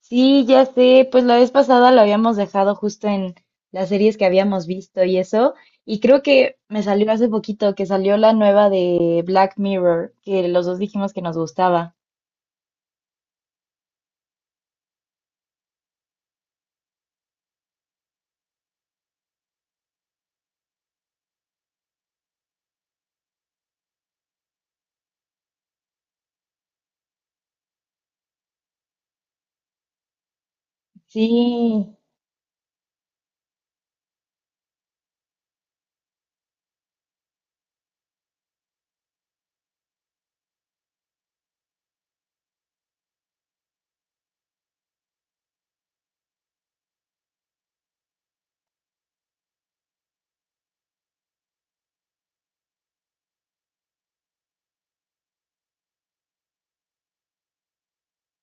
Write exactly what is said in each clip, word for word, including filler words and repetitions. Sí, ya sé, pues la vez pasada lo habíamos dejado justo en las series que habíamos visto y eso, y creo que me salió hace poquito que salió la nueva de Black Mirror, que los dos dijimos que nos gustaba. Sí.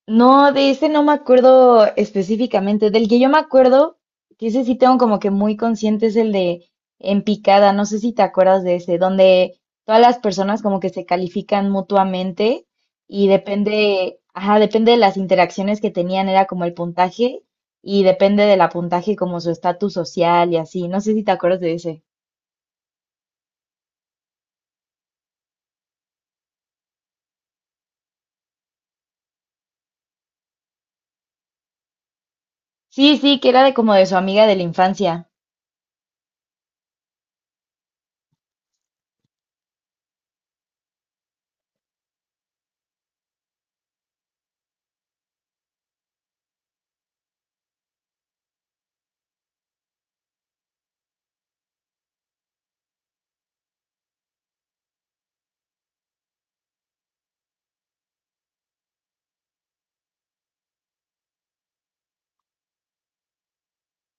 No, de ese no me acuerdo específicamente. Del que yo me acuerdo, que ese sí tengo como que muy consciente, es el de En Picada. No sé si te acuerdas de ese, donde todas las personas como que se califican mutuamente y depende, ajá, depende de las interacciones que tenían, era como el puntaje, y depende del puntaje como su estatus social y así. No sé si te acuerdas de ese. Sí, sí, que era de como de su amiga de la infancia.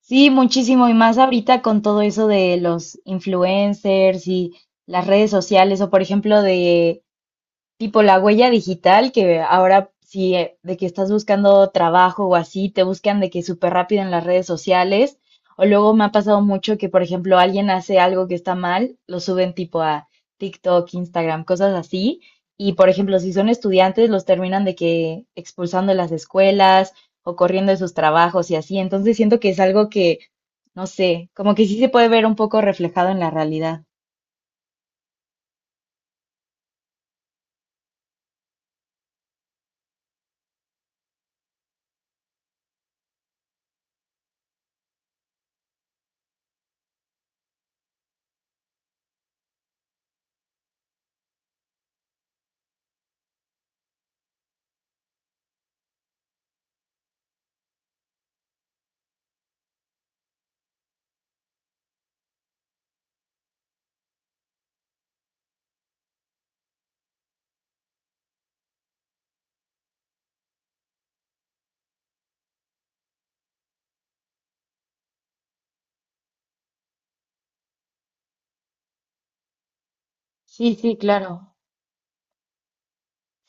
Sí, muchísimo y más ahorita con todo eso de los influencers y las redes sociales, o por ejemplo de tipo la huella digital, que ahora si eh, de que estás buscando trabajo o así, te buscan de que súper rápido en las redes sociales. O luego me ha pasado mucho que, por ejemplo, alguien hace algo que está mal, lo suben tipo a TikTok, Instagram, cosas así. Y, por ejemplo, si son estudiantes, los terminan de que expulsando de las escuelas o corriendo de sus trabajos y así. Entonces siento que es algo que, no sé, como que sí se puede ver un poco reflejado en la realidad. Sí, sí, claro.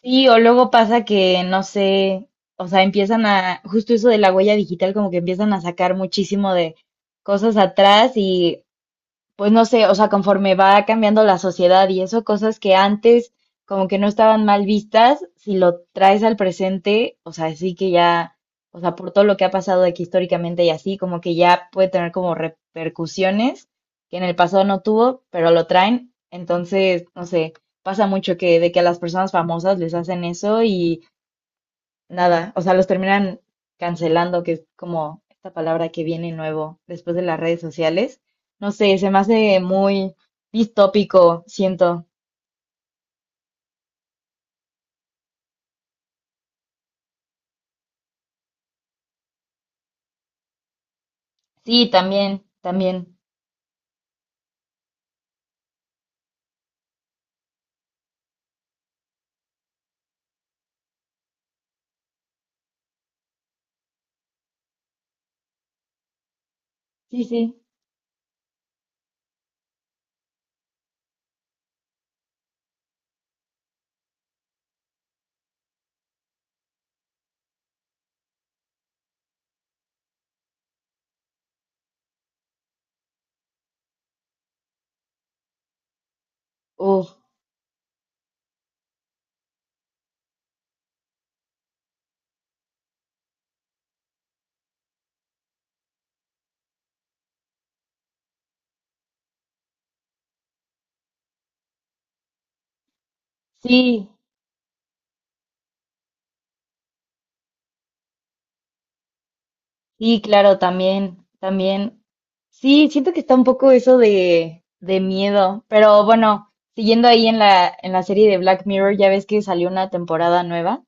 Sí, o luego pasa que, no sé, o sea, empiezan a, justo eso de la huella digital, como que empiezan a sacar muchísimo de cosas atrás, y pues no sé, o sea, conforme va cambiando la sociedad y eso, cosas que antes como que no estaban mal vistas, si lo traes al presente, o sea, sí que ya, o sea, por todo lo que ha pasado de que históricamente y así, como que ya puede tener como repercusiones que en el pasado no tuvo, pero lo traen, entonces, no sé, pasa mucho que de que a las personas famosas les hacen eso y nada, o sea, los terminan cancelando, que es como esta palabra que viene nuevo después de las redes sociales. No sé, se me hace muy distópico, siento. Sí, también, también. Sí, sí. Uf. Sí, sí, claro, también, también. Sí, siento que está un poco eso de, de miedo, pero bueno, siguiendo ahí en la, en la serie de Black Mirror, ya ves que salió una temporada nueva.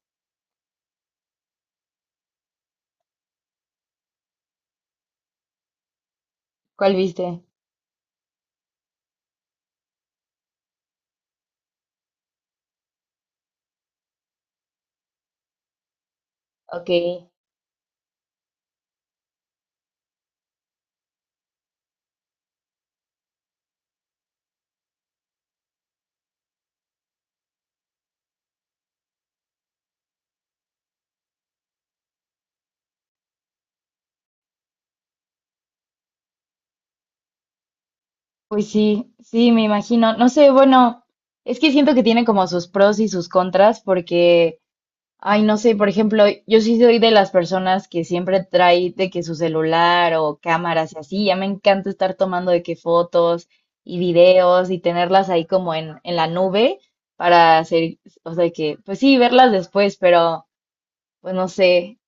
¿Cuál viste? Ok. Pues sí, sí, me imagino. No sé, bueno, es que siento que tiene como sus pros y sus contras porque, ay, no sé, por ejemplo, yo sí soy de las personas que siempre trae de que su celular o cámaras y así, ya me encanta estar tomando de que fotos y videos y tenerlas ahí como en, en la nube para hacer, o sea, que, pues sí, verlas después, pero, pues no sé,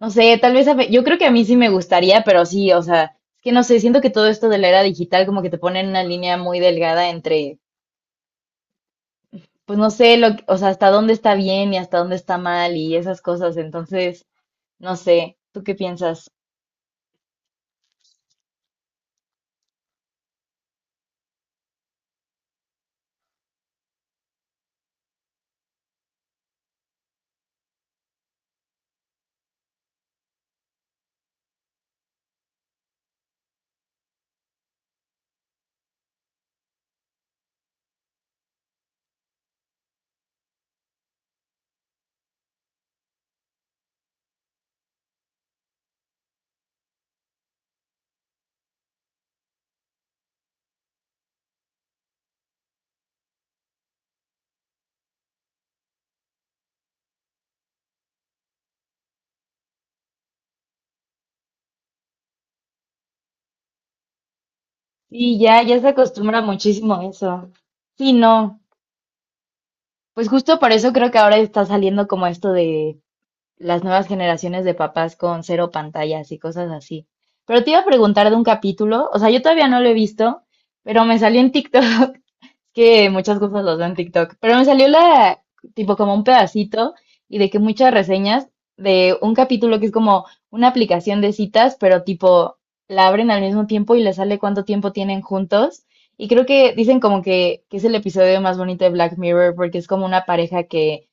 no sé, tal vez a ve- yo creo que a mí sí me gustaría, pero sí, o sea, es que no sé, siento que todo esto de la era digital como que te pone en una línea muy delgada entre, pues no sé, lo, que- o sea, hasta dónde está bien y hasta dónde está mal y esas cosas, entonces, no sé, ¿tú qué piensas? Sí, ya, ya se acostumbra muchísimo a eso. Sí, no, pues justo por eso creo que ahora está saliendo como esto de las nuevas generaciones de papás con cero pantallas y cosas así. Pero te iba a preguntar de un capítulo, o sea, yo todavía no lo he visto, pero me salió en TikTok, que muchas cosas los veo en TikTok, pero me salió la, tipo como un pedacito y de que muchas reseñas de un capítulo que es como una aplicación de citas, pero tipo la abren al mismo tiempo y le sale cuánto tiempo tienen juntos. Y creo que dicen como que, que es el episodio más bonito de Black Mirror porque es como una pareja que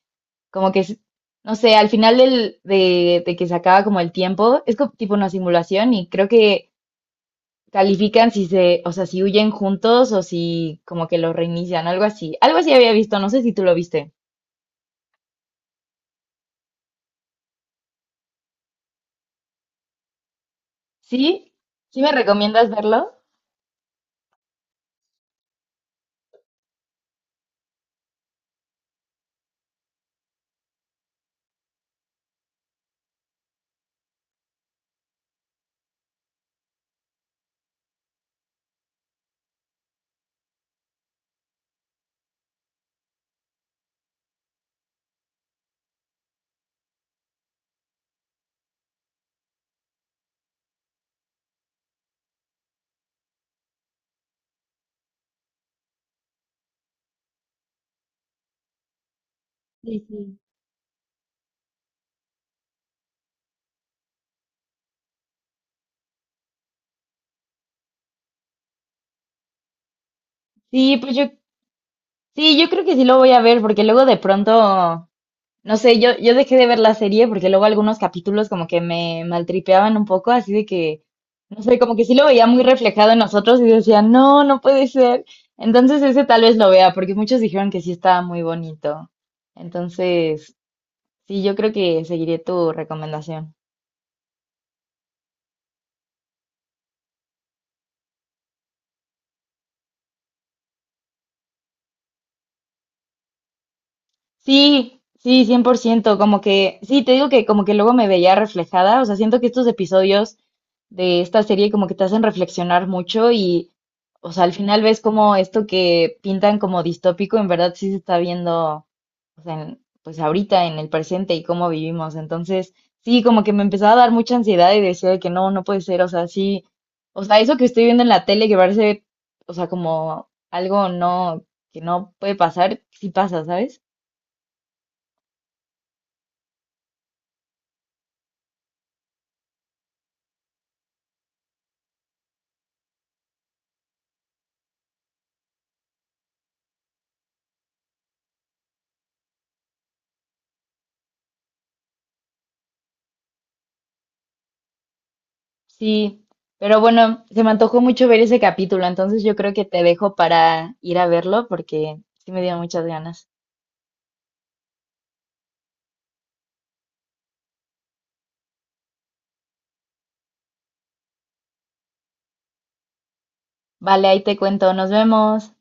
como que, s- no sé, al final del, de, de que se acaba como el tiempo, es como tipo una simulación y creo que califican si se, o sea, si huyen juntos o si como que lo reinician, algo así. Algo así había visto, no sé si tú lo viste. ¿Sí? ¿Sí me recomiendas verlo? Sí, sí. Sí, pues yo, sí, yo creo que sí lo voy a ver porque luego de pronto... No sé, yo, yo dejé de ver la serie porque luego algunos capítulos como que me maltripeaban un poco, así de que, no sé, como que sí lo veía muy reflejado en nosotros y decía, no, no puede ser. Entonces ese tal vez lo vea, porque muchos dijeron que sí estaba muy bonito. Entonces, sí, yo creo que seguiré tu recomendación. Sí, sí, cien por ciento. Como que, sí, te digo que como que luego me veía reflejada, o sea, siento que estos episodios de esta serie como que te hacen reflexionar mucho y, o sea, al final ves como esto que pintan como distópico, en verdad sí se está viendo, o sea, en- pues ahorita en el presente y cómo vivimos. Entonces, sí, como que me empezaba a dar mucha ansiedad y decía de que no, no puede ser, o sea, sí, o sea, eso que estoy viendo en la tele que parece, o sea, como algo no, que no puede pasar, sí pasa, ¿sabes? Sí, pero bueno, se me antojó mucho ver ese capítulo, entonces yo creo que te dejo para ir a verlo porque sí me dio muchas ganas. Vale, ahí te cuento, nos vemos.